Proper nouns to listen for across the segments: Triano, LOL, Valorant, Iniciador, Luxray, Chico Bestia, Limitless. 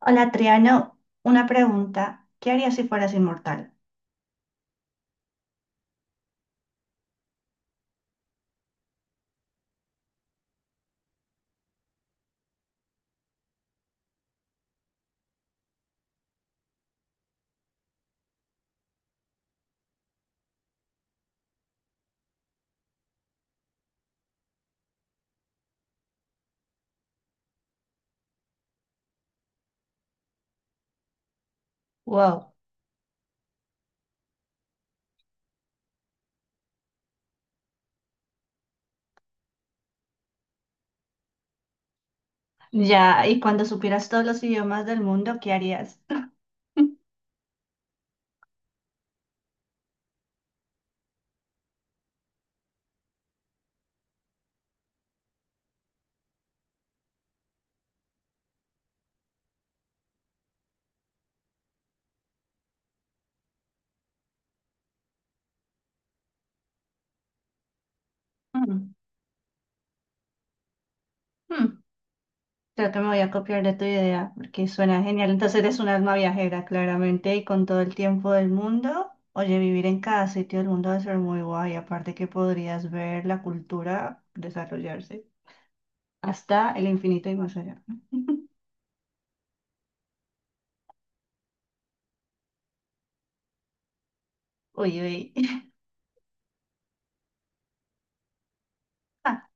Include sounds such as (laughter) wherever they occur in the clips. Hola, Triano, una pregunta. ¿Qué harías si fueras inmortal? Wow. Ya, y cuando supieras todos los idiomas del mundo, ¿qué harías? Mm, mm, Creo que me voy a copiar de tu idea porque suena genial. Entonces eres un alma viajera, claramente, y con todo el tiempo del mundo. Oye, vivir en cada sitio del mundo debe ser muy guay. Aparte que podrías ver la cultura desarrollarse hasta el infinito y más allá. (laughs) Uy, uy. (laughs) Ah,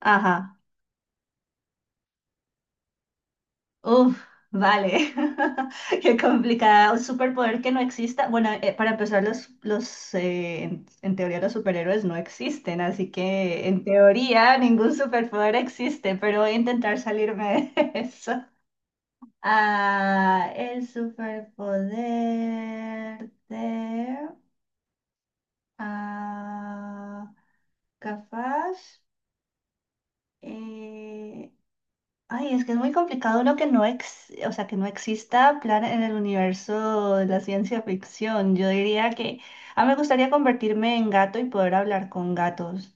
ajá. Uf, vale. (laughs) Qué complicado. Un superpoder que no exista. Bueno, para empezar, en teoría los superhéroes no existen, así que en teoría ningún superpoder existe, pero voy a intentar salirme de (laughs) eso. Ah, el superpoder de... ah, capaz... eh, ay, es que es muy complicado lo que no ex, o sea, que no exista plan en el universo de la ciencia ficción. Yo diría que a mí me gustaría convertirme en gato y poder hablar con gatos.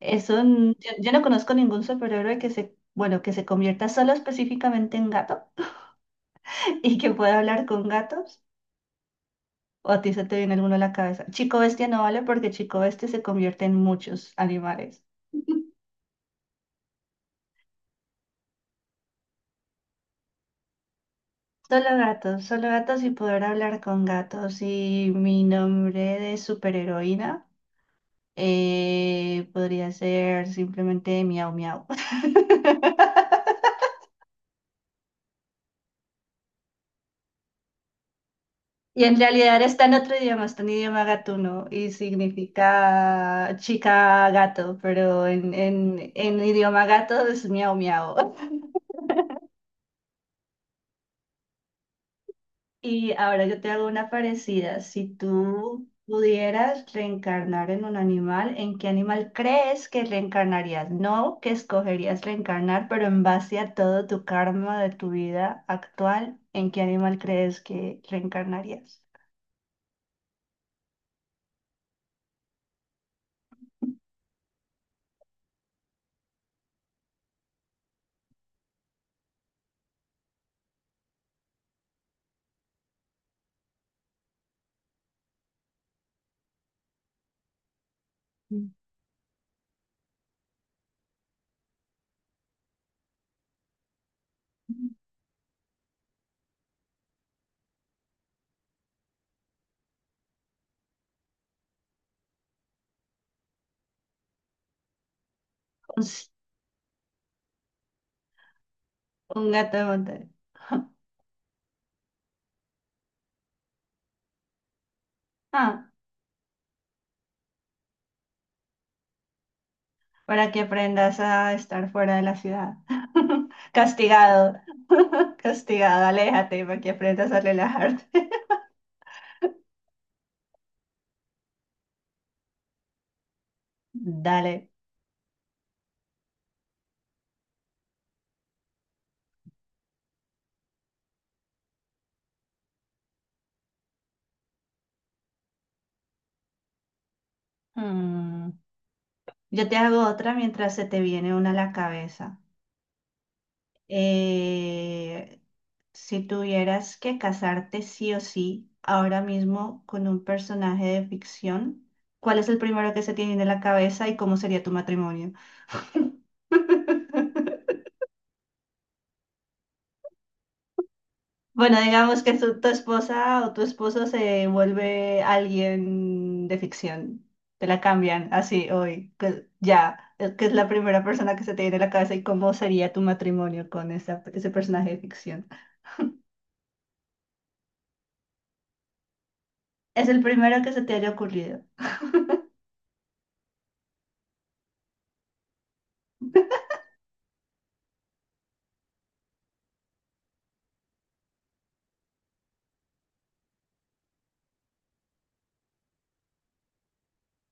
Eso, yo no conozco ningún superhéroe que se, bueno, que se convierta solo específicamente en gato (laughs) y que pueda hablar con gatos. ¿O a ti se te viene alguno a la cabeza? Chico Bestia no vale porque Chico Bestia se convierte en muchos animales. (laughs) Solo gatos y poder hablar con gatos. Y mi nombre de superheroína podría ser simplemente miau miau. (laughs) Y en realidad está en otro idioma, está en idioma gatuno y significa chica gato, pero en idioma gato es miau miau. Y ahora yo te hago una parecida. Si tú pudieras reencarnar en un animal, ¿en qué animal crees que reencarnarías? No que escogerías reencarnar, pero en base a todo tu karma de tu vida actual, ¿en qué animal crees que reencarnarías? Ujú. (laughs) Un, s- un gato de montaña. (laughs) Ah, para que aprendas a estar fuera de la ciudad. (laughs) Castigado, (laughs) castigado, aléjate para que aprendas a relajarte. (laughs) Dale. Mm, yo te hago otra mientras se te viene una a la cabeza. Eh, si tuvieras que casarte sí o sí ahora mismo con un personaje de ficción, ¿cuál es el primero que se tiene en la cabeza y cómo sería tu matrimonio? (laughs) Bueno, digamos que tu esposa o tu esposo se vuelve alguien de ficción. Te la cambian así hoy, que ya, que es la primera persona que se te viene a la cabeza y cómo sería tu matrimonio con ese personaje de ficción. Es el primero que se te haya ocurrido.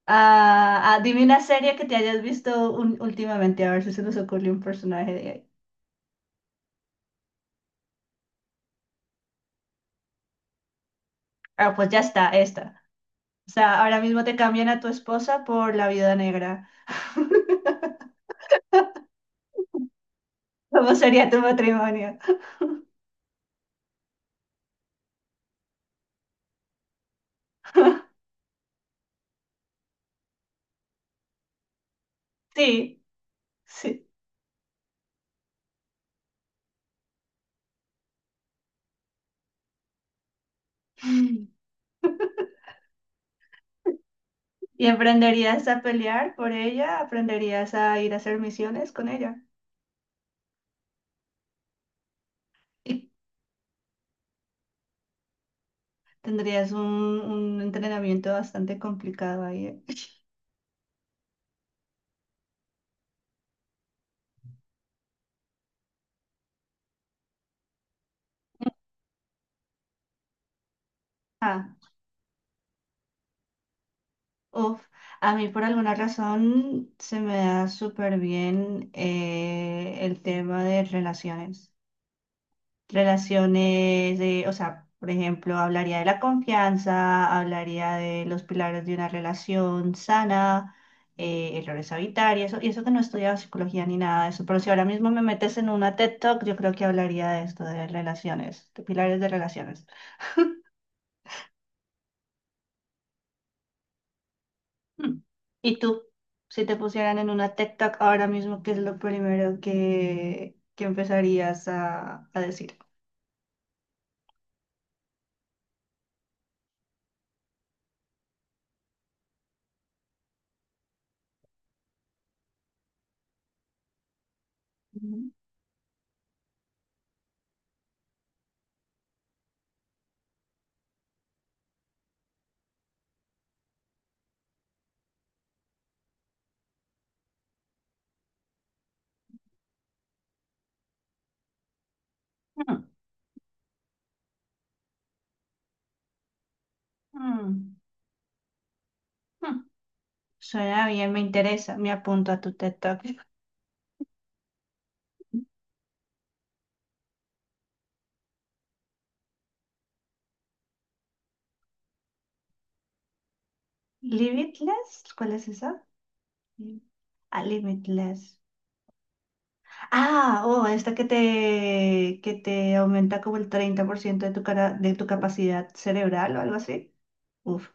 Dime una serie que te hayas visto últimamente, a ver si se nos ocurre un personaje de ahí. Ah, pues ya está, esta. O sea, ahora mismo te cambian a tu esposa por la viuda negra. (laughs) ¿Cómo sería tu matrimonio? Sí, sí. Mm. Y aprenderías a pelear por ella, aprenderías a ir a hacer misiones con ella. Y tendrías un entrenamiento bastante complicado ahí. ¿Eh? (laughs) Ah, uf. A mí por alguna razón se me da súper bien el tema de relaciones. Relaciones de, o sea, por ejemplo, hablaría de la confianza, hablaría de los pilares de una relación sana, errores a evitar y eso que no he estudiado psicología ni nada de eso, pero si ahora mismo me metes en una TED Talk, yo creo que hablaría de esto, de relaciones, de pilares de relaciones. Mm. ¿Y tú? Si te pusieran en una TED Talk ahora mismo, ¿qué es lo primero que empezarías a decir? Mm. Mm. Mm. Suena bien, me interesa. Me apunto a tu TED Talk. Limitless, ¿cuál es esa? Ah, Limitless. Ah, oh, esta que que te aumenta como el 30% de tu cara, de tu capacidad cerebral o algo así. Uf,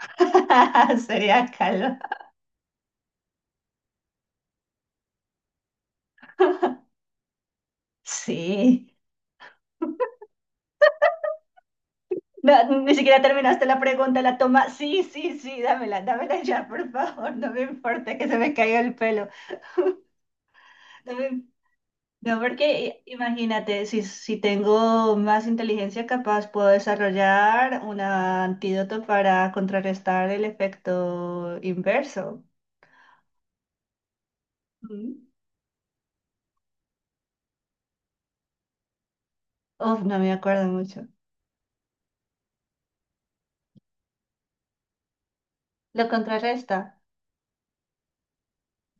(laughs) sería calor. Sí. No, ni siquiera terminaste la pregunta, la toma. Sí, sí, sí, dámela, dámela ya, por favor. No me importa que se me caiga el pelo. (laughs) No me No, porque imagínate, si tengo más inteligencia capaz, puedo desarrollar un antídoto para contrarrestar el efecto inverso. Mm. Uf, no me acuerdo mucho. ¿Lo contrarresta?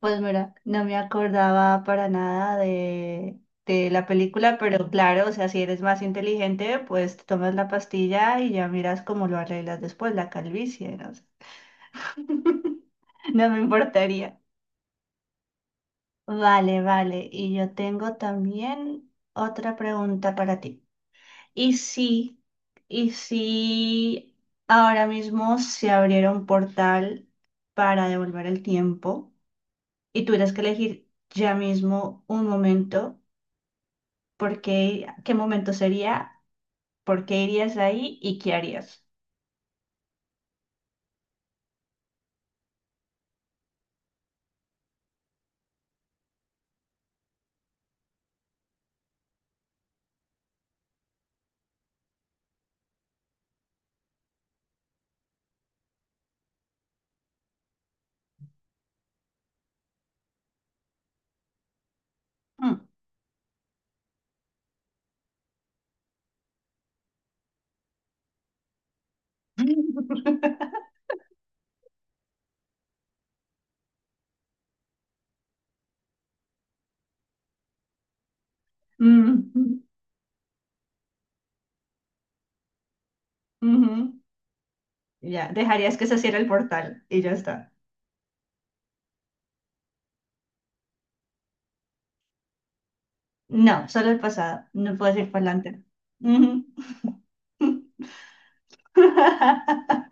Pues mira, no me acordaba para nada de, de la película, pero claro, o sea, si eres más inteligente, pues te tomas la pastilla y ya miras cómo lo arreglas después, la calvicie, no sé. (laughs) No me importaría. Vale, vale. Y yo tengo también otra pregunta para ti. ¿Y si, ¿Y si ahora mismo se abriera un portal para devolver el tiempo y tuvieras que elegir ya mismo un momento, ¿ qué momento sería? ¿Por qué irías ahí y qué harías? Mm. (laughs) Mm, ujú. Ya, dejarías que se cierre el portal y ya está. No, solo el pasado. No puedes ir por delante. Ujú. (laughs)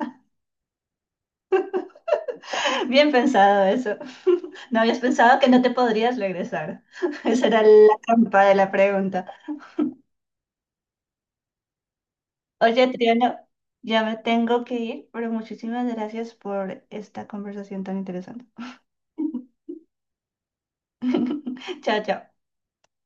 Bien pensado eso. (laughs) No habías pensado que no te podrías regresar. (laughs) Esa era la trampa de la pregunta. Oye, Triano, ya me tengo que ir, pero muchísimas gracias por esta conversación tan interesante. (laughs) Chao, chao.